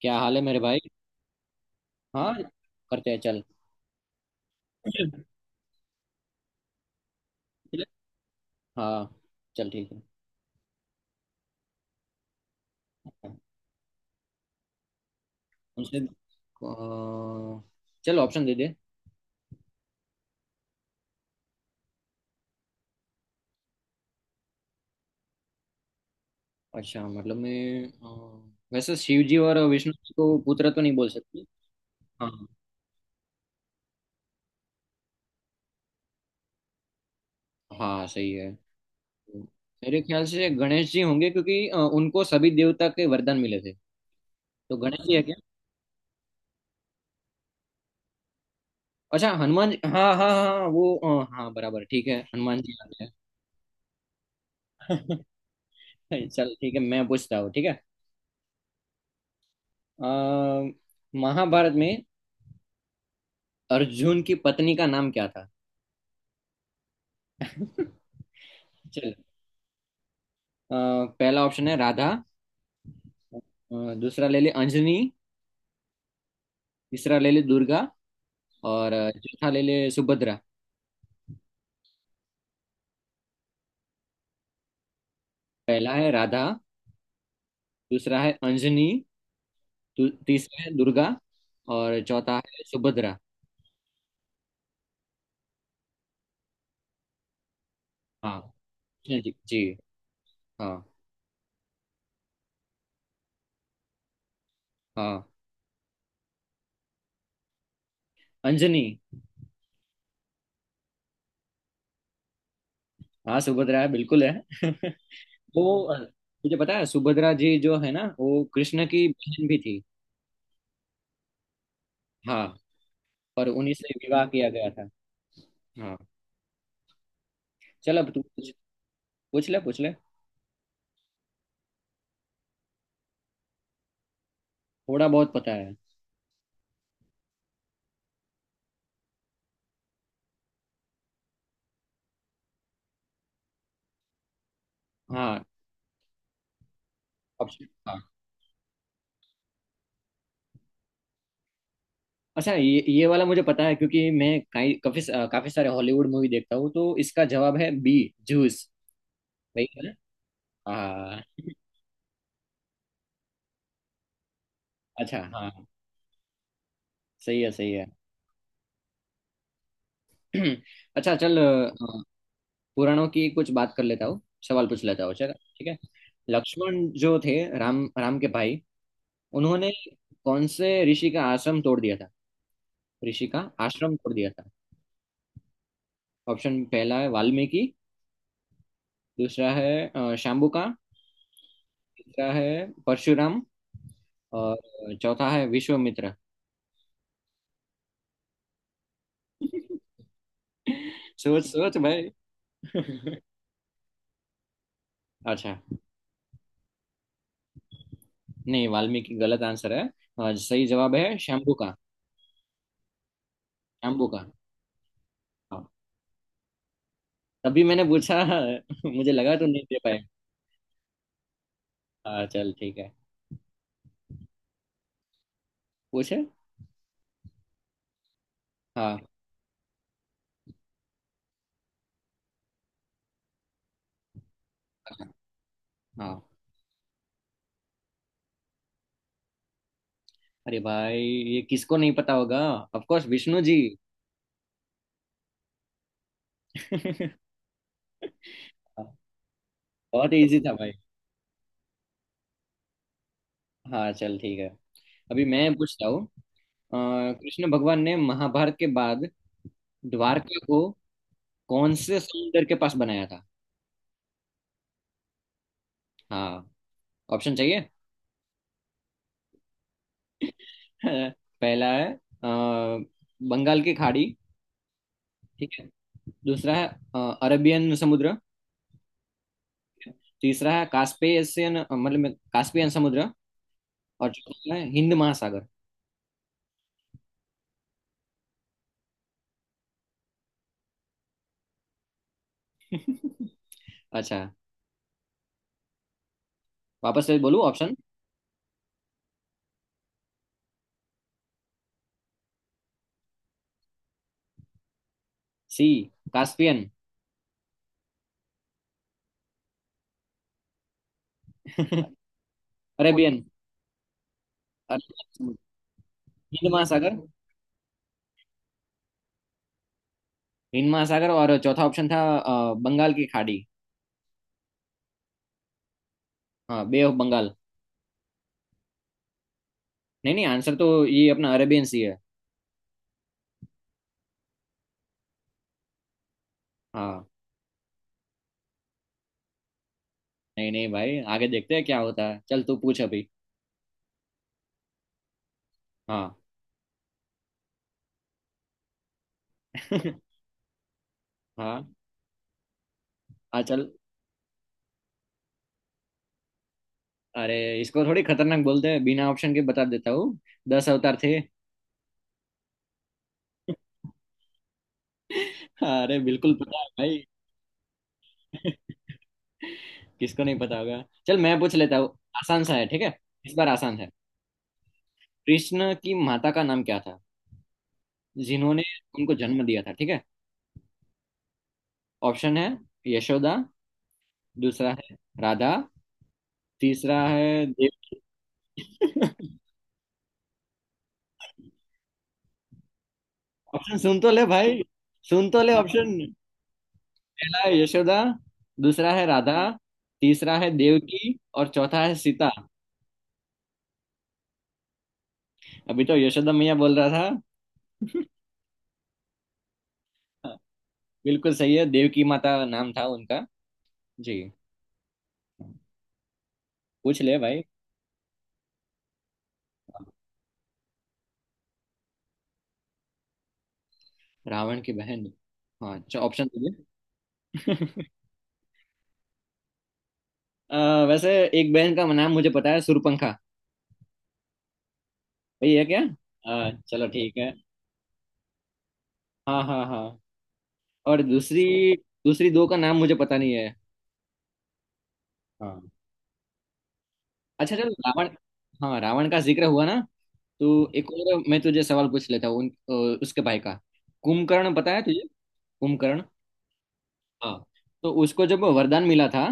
क्या हाल है मेरे भाई। हाँ। करते हैं, चल। हाँ, चल ठीक है। उनसे चल, ऑप्शन दे दे। अच्छा, मतलब मैं वैसे शिव जी और विष्णु जी को पुत्र तो नहीं बोल सकती। हाँ। हाँ, सही है। मेरे ख्याल से गणेश जी होंगे, क्योंकि उनको सभी देवता के वरदान मिले थे। तो गणेश जी है क्या? अच्छा, हनुमान जी। हाँ हाँ हाँ हाँ, वो हाँ, बराबर ठीक है, हनुमान जी आ गए। चल ठीक है, मैं पूछता हूँ, ठीक है। अ, महाभारत में अर्जुन की पत्नी का नाम क्या था? चल। अ, पहला ऑप्शन है राधा। दूसरा ले ले, अंजनी। तीसरा ले ले, दुर्गा। और चौथा ले ले, सुभद्रा। पहला है राधा। दूसरा है अंजनी। तीसरा है दुर्गा। और चौथा है सुभद्रा। हाँ, जी जी जी। हाँ हाँ, अंजनी। हाँ, सुभद्रा है, बिल्कुल है। वो मुझे पता है, सुभद्रा जी जो है ना, वो कृष्ण की बहन भी थी। हाँ। और उन्हीं से विवाह किया गया था। हाँ, चल, अब तू पूछ। पूछ ले, पूछ ले। थोड़ा बहुत पता है। हाँ, ऑप्शन, हाँ। अच्छा, ये वाला मुझे पता है, क्योंकि मैं काफी काफी सारे हॉलीवुड मूवी देखता हूँ, तो इसका जवाब है बी। जूस। वही है ना? हाँ। अच्छा, हाँ। सही है, सही है। अच्छा, चल। पुराणों की कुछ बात कर लेता हूँ। सवाल पूछ लेता हूँ, चल। ठीक है। लक्ष्मण जो थे, राम राम के भाई, उन्होंने कौन से ऋषि का आश्रम तोड़ दिया था? ऋषि का आश्रम तोड़ दिया था। ऑप्शन। पहला है वाल्मीकि। दूसरा है शाम्बुका। तीसरा है परशुराम। और चौथा है विश्वामित्र। सोच सोच भाई। अच्छा। नहीं, वाल्मीकि गलत आंसर है। और सही जवाब है शंभू का। शंभू का। हाँ, तभी मैंने पूछा। मुझे लगा तो नहीं दे पाए। हाँ, चल ठीक है। पूछे। हाँ हाँ। अरे भाई, ये किसको नहीं पता होगा? ऑफ कोर्स विष्णु जी। हाँ, बहुत इजी था भाई। हाँ, चल ठीक है, अभी मैं पूछता हूँ। अ, कृष्ण भगवान ने महाभारत के बाद द्वारका को कौन से समुंदर के पास बनाया था? हाँ, ऑप्शन चाहिए। पहला है बंगाल की खाड़ी, ठीक है। दूसरा है अरबियन समुद्र। तीसरा है कास्पियन, मतलब कास्पियन समुद्र। और चौथा है हिंद महासागर। अच्छा। वापस से बोलूं option? C, Caspian. Arabian, Arabian समुद्र, हिंद महासागर। और चौथा ऑप्शन था बंगाल की खाड़ी। हाँ, बे ऑफ बंगाल। नहीं नहीं, आंसर तो ये अपना अरेबियन सी है। हाँ, नहीं नहीं भाई, आगे देखते हैं क्या होता है। चल, तू पूछ अभी। हाँ। हाँ हाँ, चल। अरे, इसको थोड़ी खतरनाक बोलते हैं? बिना ऑप्शन के बता देता हूँ, 10 अवतार थे। अरे, बिल्कुल पता है भाई। किसको नहीं पता होगा? चल, मैं पूछ लेता हूँ। आसान सा है, ठीक है। इस बार आसान है। कृष्ण की माता का नाम क्या था, जिन्होंने उनको जन्म दिया था, ठीक है? ऑप्शन है, यशोदा। दूसरा है राधा। तीसरा है देव। ऑप्शन सुन तो ले भाई। सुन तो ले ऑप्शन। पहला है यशोदा। दूसरा है राधा। तीसरा है देवकी। और चौथा है सीता। अभी तो यशोदा मैया बोल रहा था। हाँ, बिल्कुल सही है, देवकी माता नाम था उनका। जी। पूछ ले भाई। रावण की बहन। हाँ, अच्छा, ऑप्शन दीजिए। वैसे एक बहन का नाम मुझे पता है, सूर्यपंखा। वही है क्या? चलो, ठीक है। हाँ हाँ हाँ। और दूसरी। दो का नाम मुझे पता नहीं है। हाँ, अच्छा, चलो। रावण। हाँ, रावण का जिक्र हुआ ना, तो एक और मैं तुझे सवाल पूछ लेता हूँ। उसके भाई का, कुंभकर्ण पता है तुझे? कुंभकर्ण। हाँ। तो उसको जब वरदान मिला था,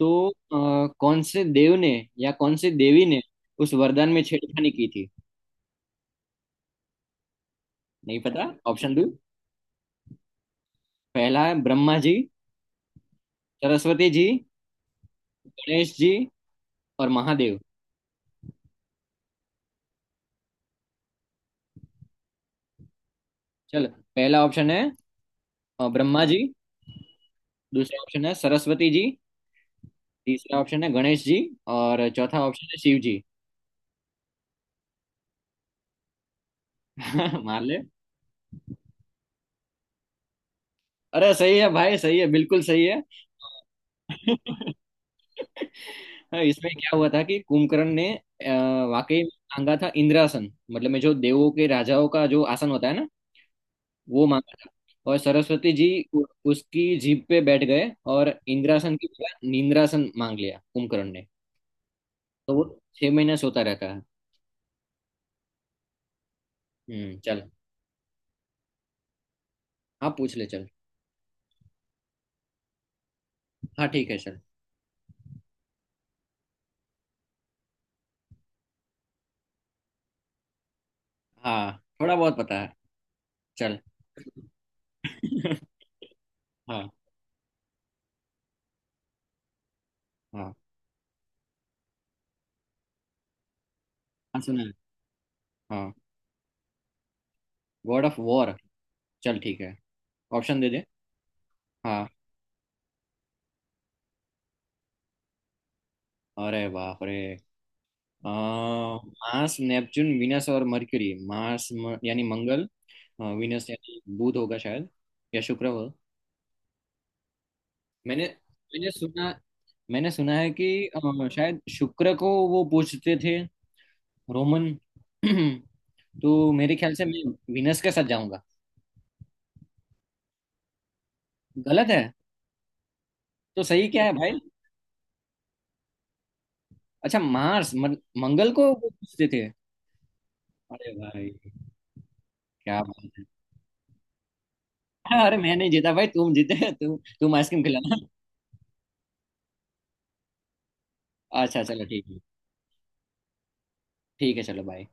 तो कौन से देव ने या कौन से देवी ने उस वरदान में छेड़खानी की थी? नहीं पता। ऑप्शन दो। पहला है ब्रह्मा जी, सरस्वती जी, गणेश जी, और महादेव। चल। पहला ऑप्शन है ब्रह्मा जी। दूसरा ऑप्शन है सरस्वती जी। तीसरा ऑप्शन है गणेश जी। और चौथा ऑप्शन है शिव जी। मार ले। अरे, सही है भाई, सही है, बिल्कुल सही है। हाँ, इसमें क्या हुआ था कि कुंभकर्ण ने वाकई में मांगा था इंद्रासन, मतलब में जो देवों के राजाओं का जो आसन होता है ना, वो मांगा था। और सरस्वती जी उ- उसकी जीभ पे बैठ गए और इंद्रासन की जगह नींद्रासन मांग लिया कुंभकर्ण ने। तो वो 6 महीने सोता रहता है। हम्म, चल। हाँ, पूछ ले चल। हाँ, ठीक है चल। हाँ, थोड़ा बहुत पता है। चल। हाँ हाँ हाँ, सुना है। हाँ। God of war. चल ठीक है, ऑप्शन दे दे। हाँ। अरे बाप रे। मार्स, नेपच्यून, वीनस और मर्क्यूरी। मार्स, यानी मंगल। वीनस यानी बुध होगा शायद, या शुक्र हो। मैंने मैंने सुना मैंने सुना है कि शायद शुक्र को वो पूछते थे, रोमन। तो मेरे ख्याल से मैं वीनस के साथ जाऊंगा। गलत है। तो सही क्या है भाई? अच्छा, मार्स। मंगल को वो पूछते थे। अरे भाई, क्या बात है। अरे, मैं नहीं जीता भाई, तुम जीते। तुम आइसक्रीम खिला। अच्छा, चलो ठीक है। ठीक है, चलो, बाय।